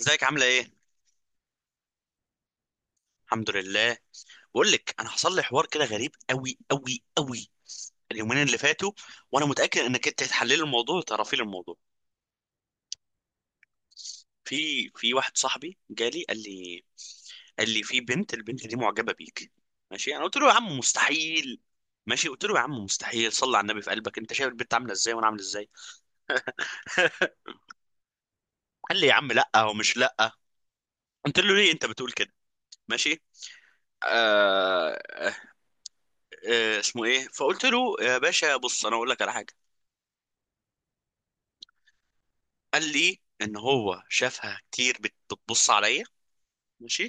ازيك عامله ايه؟ الحمد لله. بقول لك انا حصل لي حوار كده غريب قوي قوي قوي اليومين اللي فاتوا. وانا متاكد انك انت هتحللي الموضوع وتعرفي لي الموضوع. في واحد صاحبي جالي قال لي في بنت، البنت دي معجبه بيك. ماشي، انا قلت له يا عم مستحيل. ماشي، قلت له يا عم مستحيل، صلي على النبي في قلبك، انت شايف البنت عامله ازاي وانا عامل ازاي؟ قال لي يا عم لا، هو مش لا. قلت له ليه انت بتقول كده؟ ماشي. آه آه اسمه ايه، فقلت له يا باشا، بص انا اقول لك على حاجه. قال لي ان هو شافها كتير بتبص عليا. ماشي.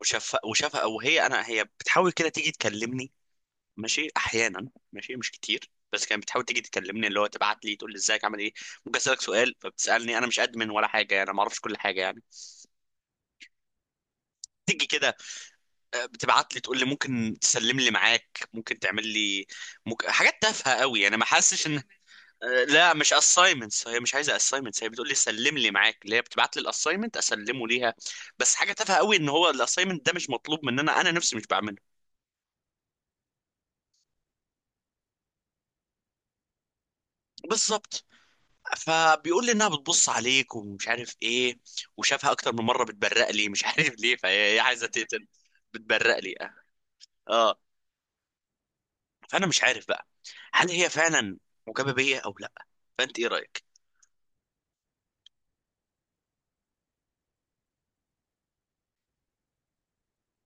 وشافها او هي انا هي بتحاول كده تيجي تكلمني. ماشي، احيانا، ماشي، مش كتير، بس كانت بتحاول تيجي تكلمني، اللي هو تبعت لي تقول لي ازيك عامل ايه؟ ممكن اسالك سؤال، فبتسالني انا مش ادمن ولا حاجه، يعني انا ما اعرفش كل حاجه يعني. تيجي كده. بتبعت لي تقول لي ممكن تسلم لي معاك، ممكن تعمل لي، ممكن حاجات تافهه قوي، يعني ما حاسش ان... لا، مش assignments، هي مش عايزه assignments، هي بتقول لي سلم لي معاك، اللي هي بتبعت لي الاساينمنت اسلمه ليها. بس حاجه تافهه قوي، ان هو الاساينمنت ده مش مطلوب مننا، انا نفسي مش بعمله. بالظبط. فبيقول لي انها بتبص عليك ومش عارف ايه، وشافها اكتر من مره بتبرق لي، مش عارف ليه، فهي هي عايزه تقتل. بتبرق لي اه. اه. فانا مش عارف بقى، هل هي فعلا معجبه بيا او لا؟ فانت ايه رايك؟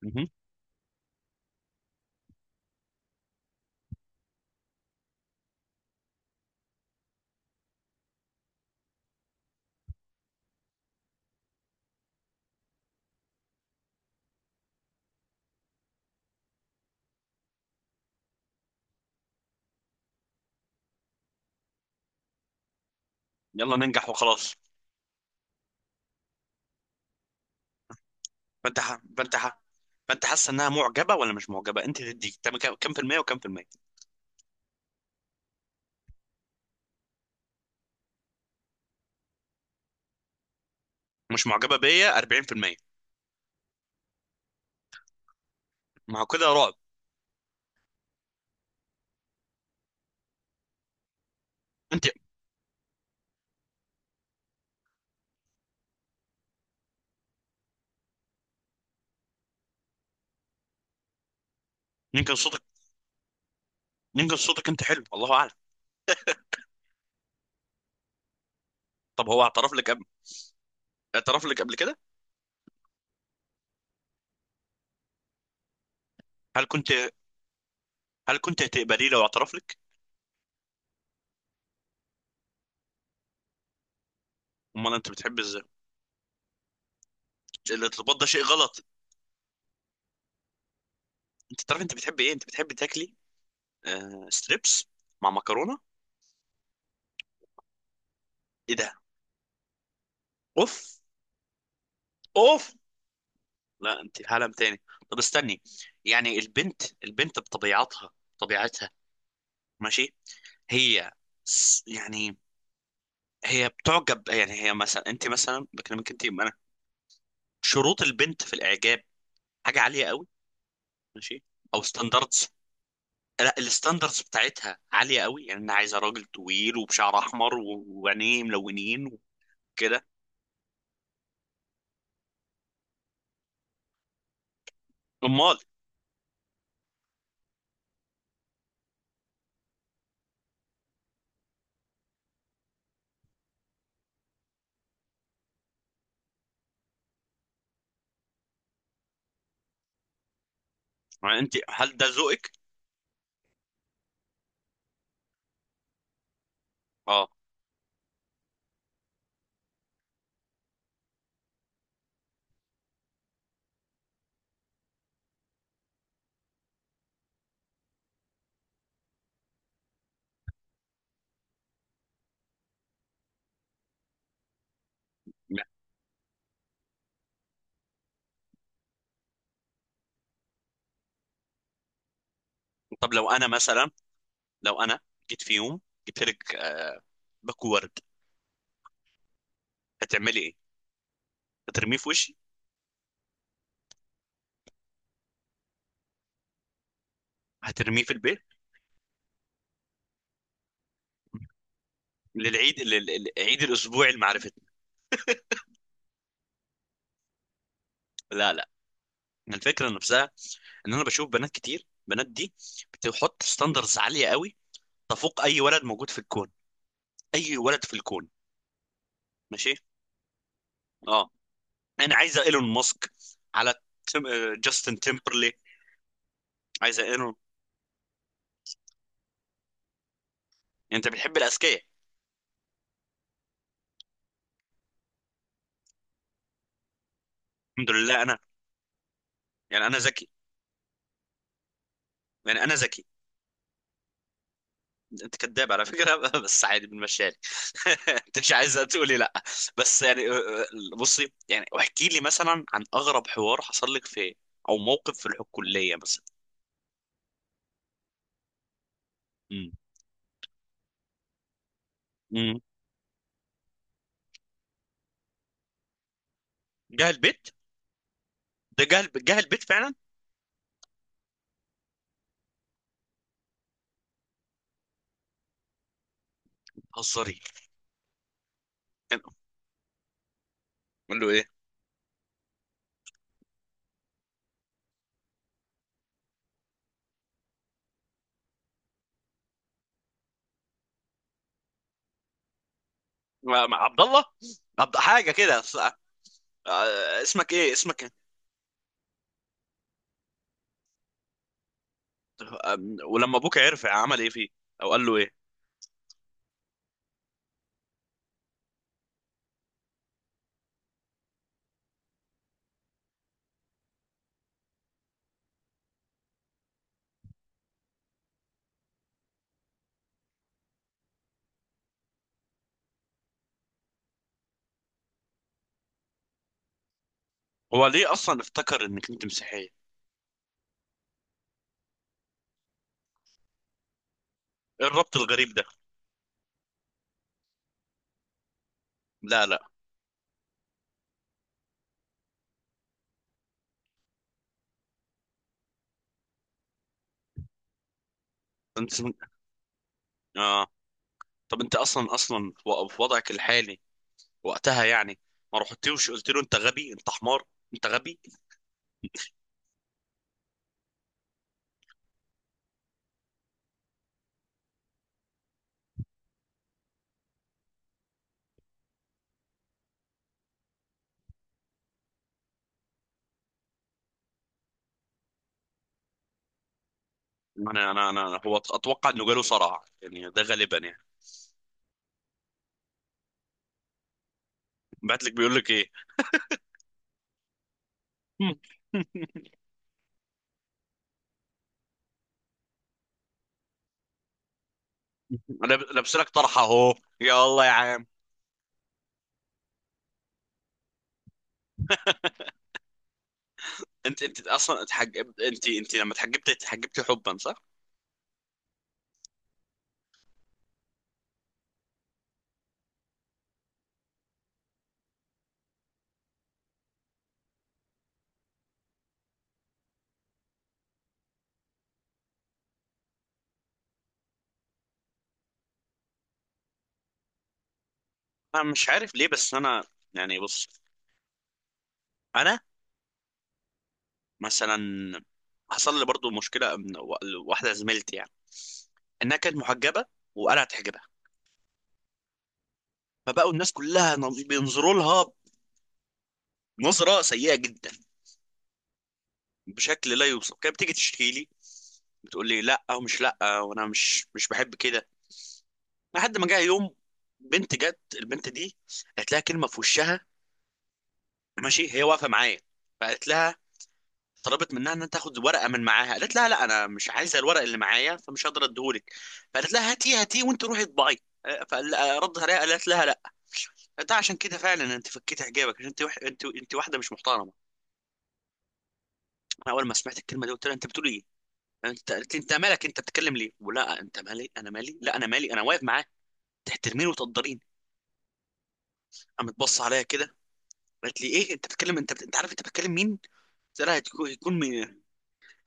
مهم. يلا ننجح وخلاص. فانت ح... فانت ح... فانت حاسه انها معجبه ولا مش معجبه؟ انت تدي كم في المية وكم في المية؟ مش معجبه بيا 40%. ما هو كده رعب. انت، يمكن صوتك يمكن صوتك انت حلو، الله اعلم. طب هو اعترف لك قبل كده؟ هل كنت هل كنت هتقبليه لو اعترف لك؟ امال انت بتحب ازاي؟ الارتباط ده شيء غلط. انت تعرف انت بتحب ايه؟ انت بتحب تاكلي ستريبس مع مكرونه. ايه ده؟ اوف. اوف. لا، انت في عالم تاني. طب استني. يعني البنت بطبيعتها طبيعتها. ماشي. هي س- يعني هي بتعجب، يعني هي مثلا، انت مثلا بكلمك انت انا. شروط البنت في الاعجاب حاجه عاليه قوي. ماشي، او ستاندردز. لا، الستاندردز بتاعتها عاليه قوي، يعني انا عايزه راجل طويل وبشعر احمر و- وعينيه ملونين وكده. امال. يعني انت، هل ده ذوقك؟ اه. لا. طب لو انا مثلا، لو انا جيت في يوم جبت لك باكو ورد، هتعملي ايه؟ هترميه في وشي؟ هترميه في البيت؟ للعيد، عيد الاسبوع المعرفة. لا، لا. الفكره نفسها، ان انا بشوف بنات كتير، بنات دي بتحط ستاندرز عاليه قوي تفوق اي ولد موجود في الكون. اي ولد في الكون. ماشي. اه. انا عايزه ايلون ماسك، على تيم... آه، جاستن تيمبرلي. عايزه ايلون. يعني انت بتحب الاذكياء؟ الحمد لله، انا. يعني انا ذكي، يعني انا ذكي. انت كذاب على فكره بس عادي بنمشيها لك. انت مش عايزه تقولي لا. بس يعني، بصي، يعني احكي لي مثلا عن اغرب حوار حصل لك في، او موقف في الكليه مثلا. امم. امم. جه البيت؟ ده جهل جهل بيت فعلا. هزاري؟ قال له ايه؟ عبد الله. عبد حاجه كده اسمك إيه؟ ولما ابوك عرف عمل ايه فيه، او قال له ايه؟ هو ليه اصلا افتكر انك انت مسيحيه ايه؟ الربط الغريب ده. لا، لا. انت اسمك. اه. طب انت اصلا في وضعك الحالي وقتها، يعني ما رحتيوش قلت له انت غبي انت حمار؟ انت غبي. هو اتوقع انه جاله صرع، يعني ده غالبا يعني. بعت لك بيقول لك ايه؟ لابس لك طرحه اهو. يا الله يا عم. انت انت اصلا اتحج... انت انت لما اتحجبت حبا، صح؟ انا مش عارف ليه، بس انا يعني بص. انا مثلا حصل لي برضو مشكله من واحده زميلتي، يعني انها كانت محجبه وانا اتحجبها. فبقوا الناس كلها بينظروا لها نظره سيئه جدا، بشكل لا يوصف. كانت بتيجي تشتكي لي، بتقول لي لا او مش لا، وانا مش بحب كده. لحد ما جه يوم، بنت جت البنت دي قالت لها كلمه في وشها، ماشي هي واقفه معايا. فقالت لها، طلبت منها ان تاخد ورقه من معاها، قالت لها لا، انا مش عايزه الورق اللي معايا فمش هقدر اديهولك. فقالت لها هاتيه هاتيه، وانت روحي اطبعي. فردت عليها قالت لها لا، ده عشان كده فعلا انت فكيت حجابك، عشان انت وح... انت انت واحده مش محترمه. انا اول ما سمعت الكلمه دي قلت لها انت بتقول ايه؟ انت قالت لي انت مالك، انت بتتكلم ليه، ولا انت مالي؟ انا مالي؟ لا، انا مالي، انا واقف معاه، تحترميني وتقدريني. قامت بص عليا كده، قالت لي ايه انت بتتكلم؟ انت انت عارف انت بتتكلم مين؟ قلت لها هيكون مين؟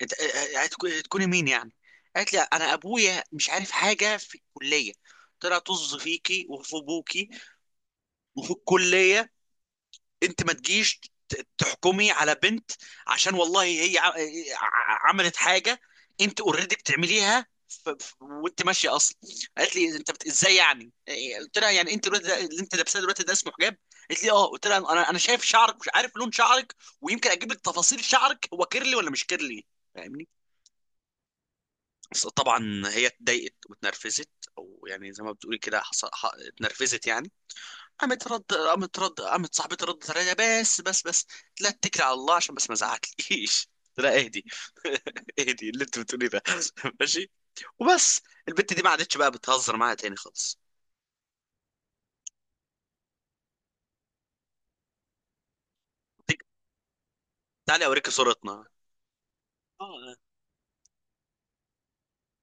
إت- تكوني مين يعني؟ قالت لي انا ابويا مش عارف حاجه في الكليه، طلع طز فيكي وفي ابوكي وفي الكليه. انت ما تجيش تحكمي على بنت، عشان والله هي عملت حاجه، انت اوريدي بتعمليها وانت ماشيه اصلا. قالت لي انت ازاي يعني إيه؟ قلت لها يعني انت الوقت ده اللي انت لابساه دلوقتي ده اسمه حجاب؟ قالت لي اه. قلت لها انا شايف شعرك، مش عارف لون شعرك، ويمكن اجيب لك تفاصيل شعرك، هو كيرلي ولا مش كيرلي؟ فاهمني؟ بس طبعا هي اتضايقت واتنرفزت، او يعني زي ما بتقولي كده اتنرفزت يعني. قامت صاحبتي ردت عليها، بس بس بس، لا اتكلي على الله عشان بس ما ازعقليش لا اهدي، اهدي اللي انت بتقولي ده ماشي. وبس، البت دي ما عادتش بقى بتهزر معايا تاني خالص. طيب، تعالي اوريكي صورتنا. اه.